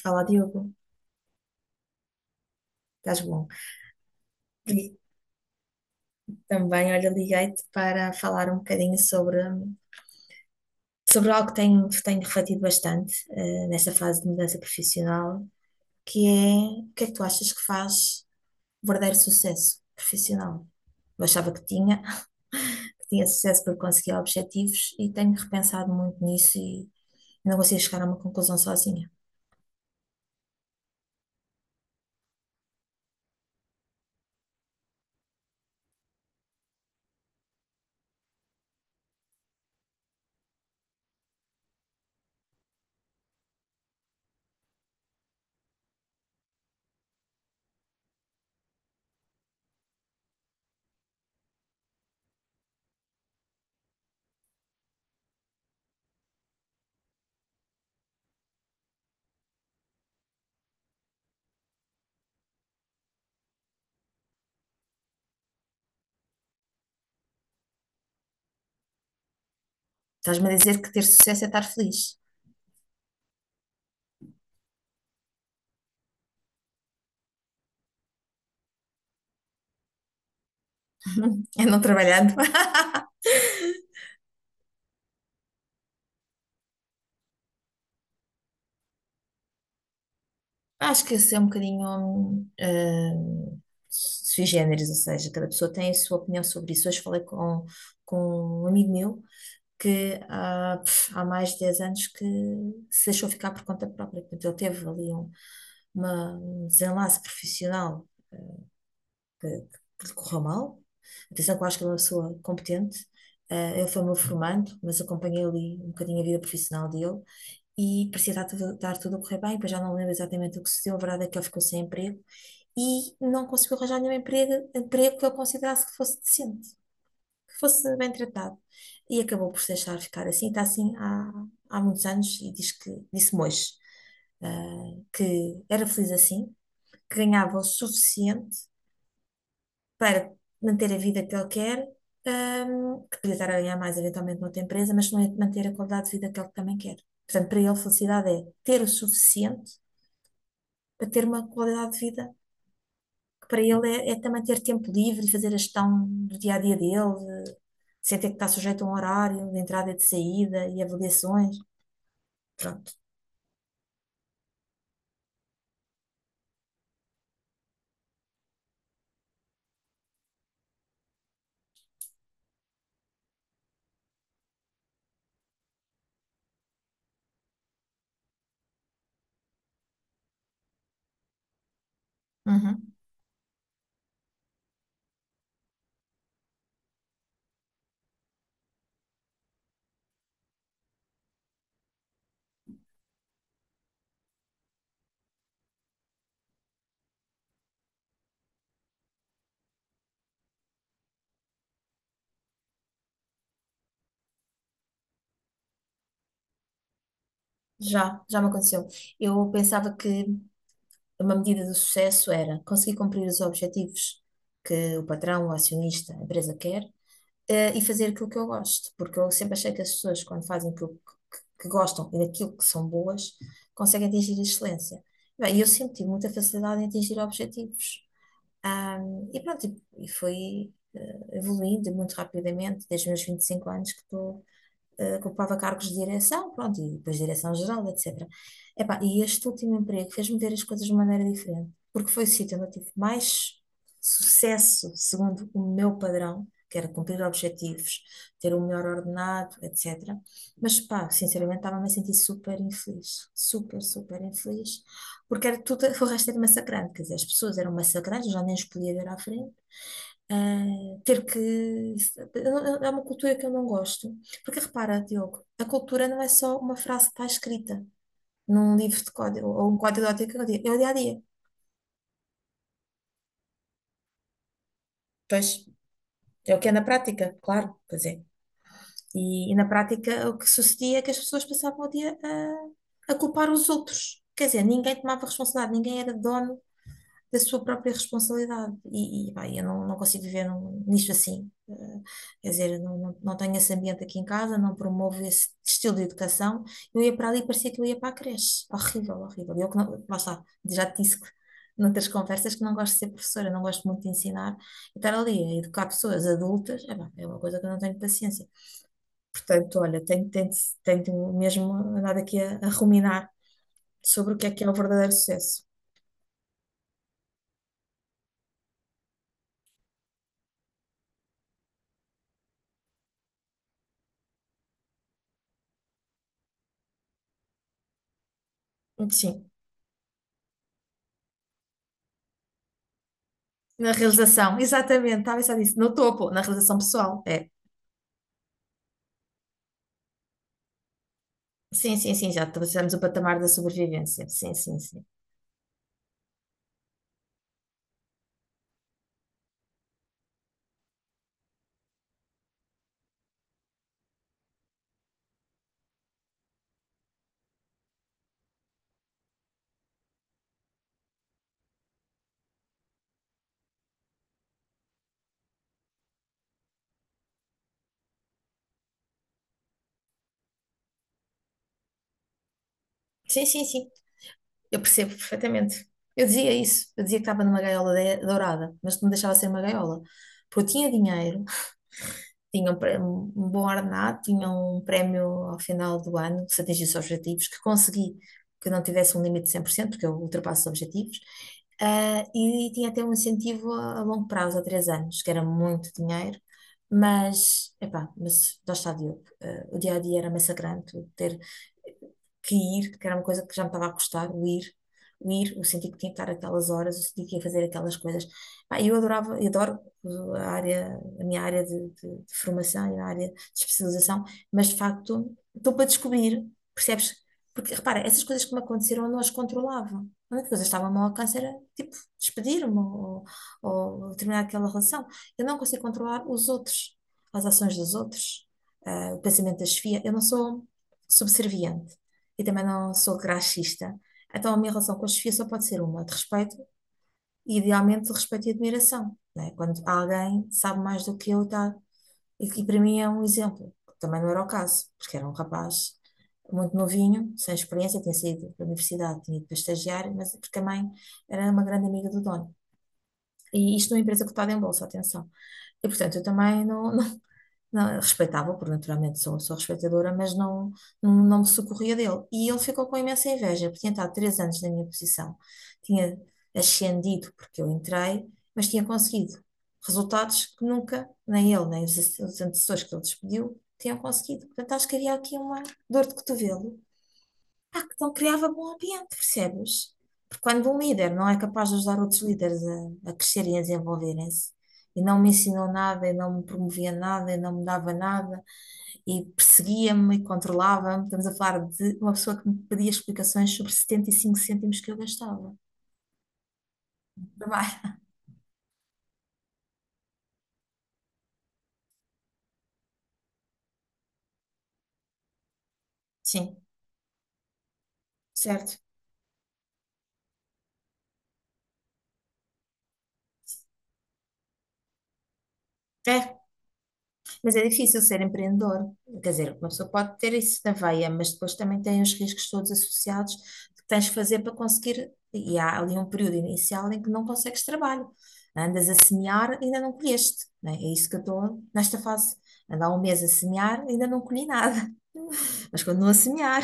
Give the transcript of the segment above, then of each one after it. Fala, Diogo. Estás bom? E também, olha, liguei-te para falar um bocadinho sobre algo que tenho refletido bastante, nesta fase de mudança profissional, que é o que é que tu achas que faz verdadeiro sucesso profissional? Eu achava que tinha sucesso porque conseguia objetivos e tenho repensado muito nisso e não consigo chegar a uma conclusão sozinha. Estás-me a dizer que ter sucesso é estar feliz? É não trabalhando. Acho que esse é um bocadinho sui generis, ou seja, cada pessoa tem a sua opinião sobre isso. Hoje falei com um amigo meu que há mais de 10 anos que se deixou ficar por conta própria. Portanto, ele teve ali um desenlace profissional que, que lhe correu mal. Atenção que eu acho que ele é uma pessoa competente. Eh, ele foi meu formando, mas acompanhei ali um bocadinho a vida profissional dele e parecia estar tudo a correr bem, pois já não lembro exatamente o que sucedeu. A verdade é que ele ficou sem emprego e não conseguiu arranjar nenhum emprego que ele considerasse que fosse decente, que fosse bem tratado. E acabou por se deixar ficar assim, está assim há muitos anos e diz que, disse-me hoje, que era feliz assim, que ganhava o suficiente para manter a vida que ele quer, que podia estar a ganhar mais eventualmente noutra empresa, mas não é de manter a qualidade de vida que ele também quer. Portanto, para ele, felicidade é ter o suficiente para ter uma qualidade de vida que para ele é também ter tempo livre e fazer a gestão do dia a dia dele, eh, sem ter que estar sujeito a um horário de entrada e de saída e avaliações. Pronto. Uhum. Já me aconteceu. Eu pensava que uma medida do sucesso era conseguir cumprir os objetivos que o patrão, o acionista, a empresa quer, eh, e fazer aquilo que eu gosto, porque eu sempre achei que as pessoas, quando fazem aquilo que gostam e daquilo que são boas, conseguem atingir a excelência. Bem, eu sempre tive muita facilidade em atingir objetivos. E pronto, e foi, evoluindo muito rapidamente, desde os meus 25 anos que estou, que ocupava cargos de direção, pronto, e depois direção geral, etc. Epá, e este último emprego fez-me ver as coisas de uma maneira diferente, porque foi o sítio onde eu tive mais sucesso, segundo o meu padrão, que era cumprir objetivos, ter o melhor ordenado, etc. Mas, pá, sinceramente, estava-me a sentir super infeliz, super, super infeliz, porque era tudo, o resto era massacrante, quer dizer, as pessoas eram massacrantes, eu já nem os podia ver à frente, ah, ter que. É uma cultura que eu não gosto. Porque repara, Diogo, a cultura não é só uma frase que está escrita num livro de código ou um código de ética, é o dia a dia. Pois, é o que é na prática, claro, pois é. E na prática o que sucedia é que as pessoas passavam o dia a culpar os outros. Quer dizer, ninguém tomava responsabilidade, ninguém era dono da sua própria responsabilidade. E, pá, eu não consigo viver nisto assim. Quer dizer, eu não tenho esse ambiente aqui em casa, não promovo esse estilo de educação. Eu ia para ali e parecia que eu ia para a creche. Horrível, horrível. Eu que não, lá está, já te disse que. Noutras conversas que não gosto de ser professora, não gosto muito de ensinar, e estar ali a educar pessoas adultas, é, pá, é uma coisa que eu não tenho paciência. Portanto, olha, tenho mesmo andado aqui a ruminar sobre o que é o verdadeiro sucesso. Sim. Na realização, exatamente, estava a pensar nisso. No topo, na realização pessoal. É. Sim, sim, sim, já estamos o patamar da sobrevivência. Sim, sim, sim. Sim, sim, sim. Eu percebo perfeitamente. Eu dizia isso. Eu dizia que estava numa gaiola dourada, mas não deixava de ser uma gaiola. Porque eu tinha dinheiro, tinham um bom ordenado, tinham um prémio ao final do ano, se atingisse os objetivos, que consegui que não tivesse um limite de 100% porque eu ultrapasso os objetivos, ah, e tinha até um incentivo a longo prazo, a 3 anos, que era muito dinheiro, mas, epá, mas lá está, Diogo, o dia a dia era massacrante, o ter que ir, que era uma coisa que já me estava a custar, o sentir que tinha que estar aquelas horas, o sentir que ia fazer aquelas coisas. Pá, eu adorava, eu adoro a área, a minha área de formação e a área de especialização, mas de facto estou para descobrir, percebes? Porque repara, essas coisas que me aconteceram eu não as controlava. A única coisa que estava mal ao alcance era tipo despedir-me ou terminar aquela relação. Eu não consigo controlar os outros, as ações dos outros, ah, o pensamento da chefia. Eu não sou subserviente e também não sou graxista. Então, a minha relação com a chefia só pode ser uma, de respeito, idealmente de respeito e admiração, né? Quando alguém sabe mais do que eu, tá? E para mim é um exemplo, que também não era o caso, porque era um rapaz muito novinho, sem experiência, tinha saído da universidade, tinha ido para estagiar, mas porque a mãe era uma grande amiga do dono. E isto numa empresa cotada em bolsa, atenção. E portanto, eu também não, não, eu respeitava, porque naturalmente sou uma respeitadora, mas não me socorria dele. E ele ficou com imensa inveja, porque tinha estado 3 anos na minha posição, tinha ascendido porque eu entrei, mas tinha conseguido resultados que nunca, nem ele, nem os antecessores que ele despediu, tinham conseguido. Portanto, acho que havia aqui uma dor de cotovelo. Pá, que não criava bom ambiente, percebes? Porque quando um líder não é capaz de ajudar outros líderes a crescerem e a desenvolverem-se, e não me ensinou nada, e não me promovia nada, e não me dava nada, e perseguia-me e controlava-me, estamos a falar de uma pessoa que me pedia explicações sobre 75 cêntimos que eu gastava. Trabalho, sim, certo. É. Mas é difícil ser empreendedor. Quer dizer, uma pessoa pode ter isso na veia, mas depois também tem os riscos todos associados que tens de fazer para conseguir. E há ali um período inicial em que não consegues trabalho. Andas a semear, ainda não colheste, né? É isso que eu estou nesta fase. Ando há um mês a semear, ainda não colhi nada, mas continuo a semear.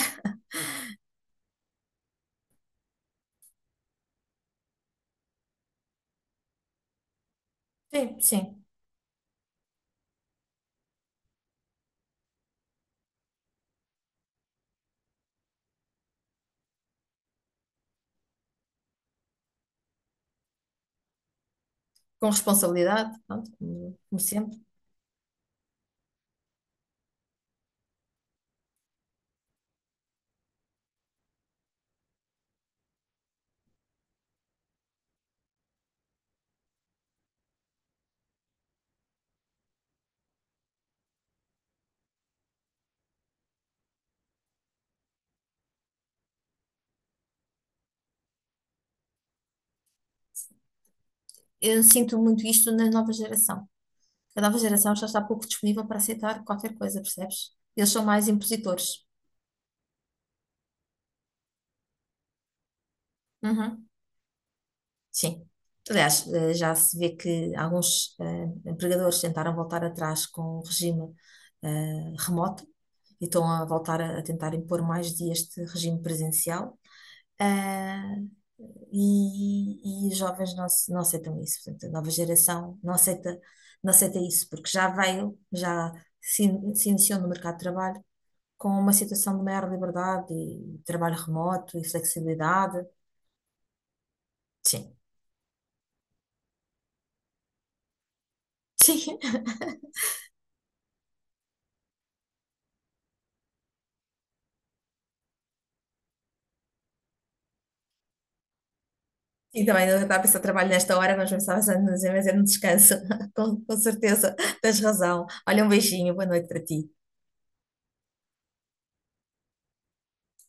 Sim, sim. Com responsabilidade, pronto, como como sempre. Eu sinto muito isto na nova geração. A nova geração já está pouco disponível para aceitar qualquer coisa, percebes? Eles são mais impositores. Uhum, sim. Aliás, já se vê que alguns, empregadores tentaram voltar atrás com o regime, remoto e estão a voltar a tentar impor mais dias de regime presencial. Ah, e os jovens não aceitam isso. Portanto, a nova geração não aceita, não aceita isso, porque já se iniciou no mercado de trabalho com uma situação de maior liberdade e trabalho remoto e flexibilidade. Sim, sim, e também eu estava a pensar, trabalho nesta hora, mas pensava já, mas é um descanso, com certeza, tens razão. Olha, um beijinho, boa noite para ti.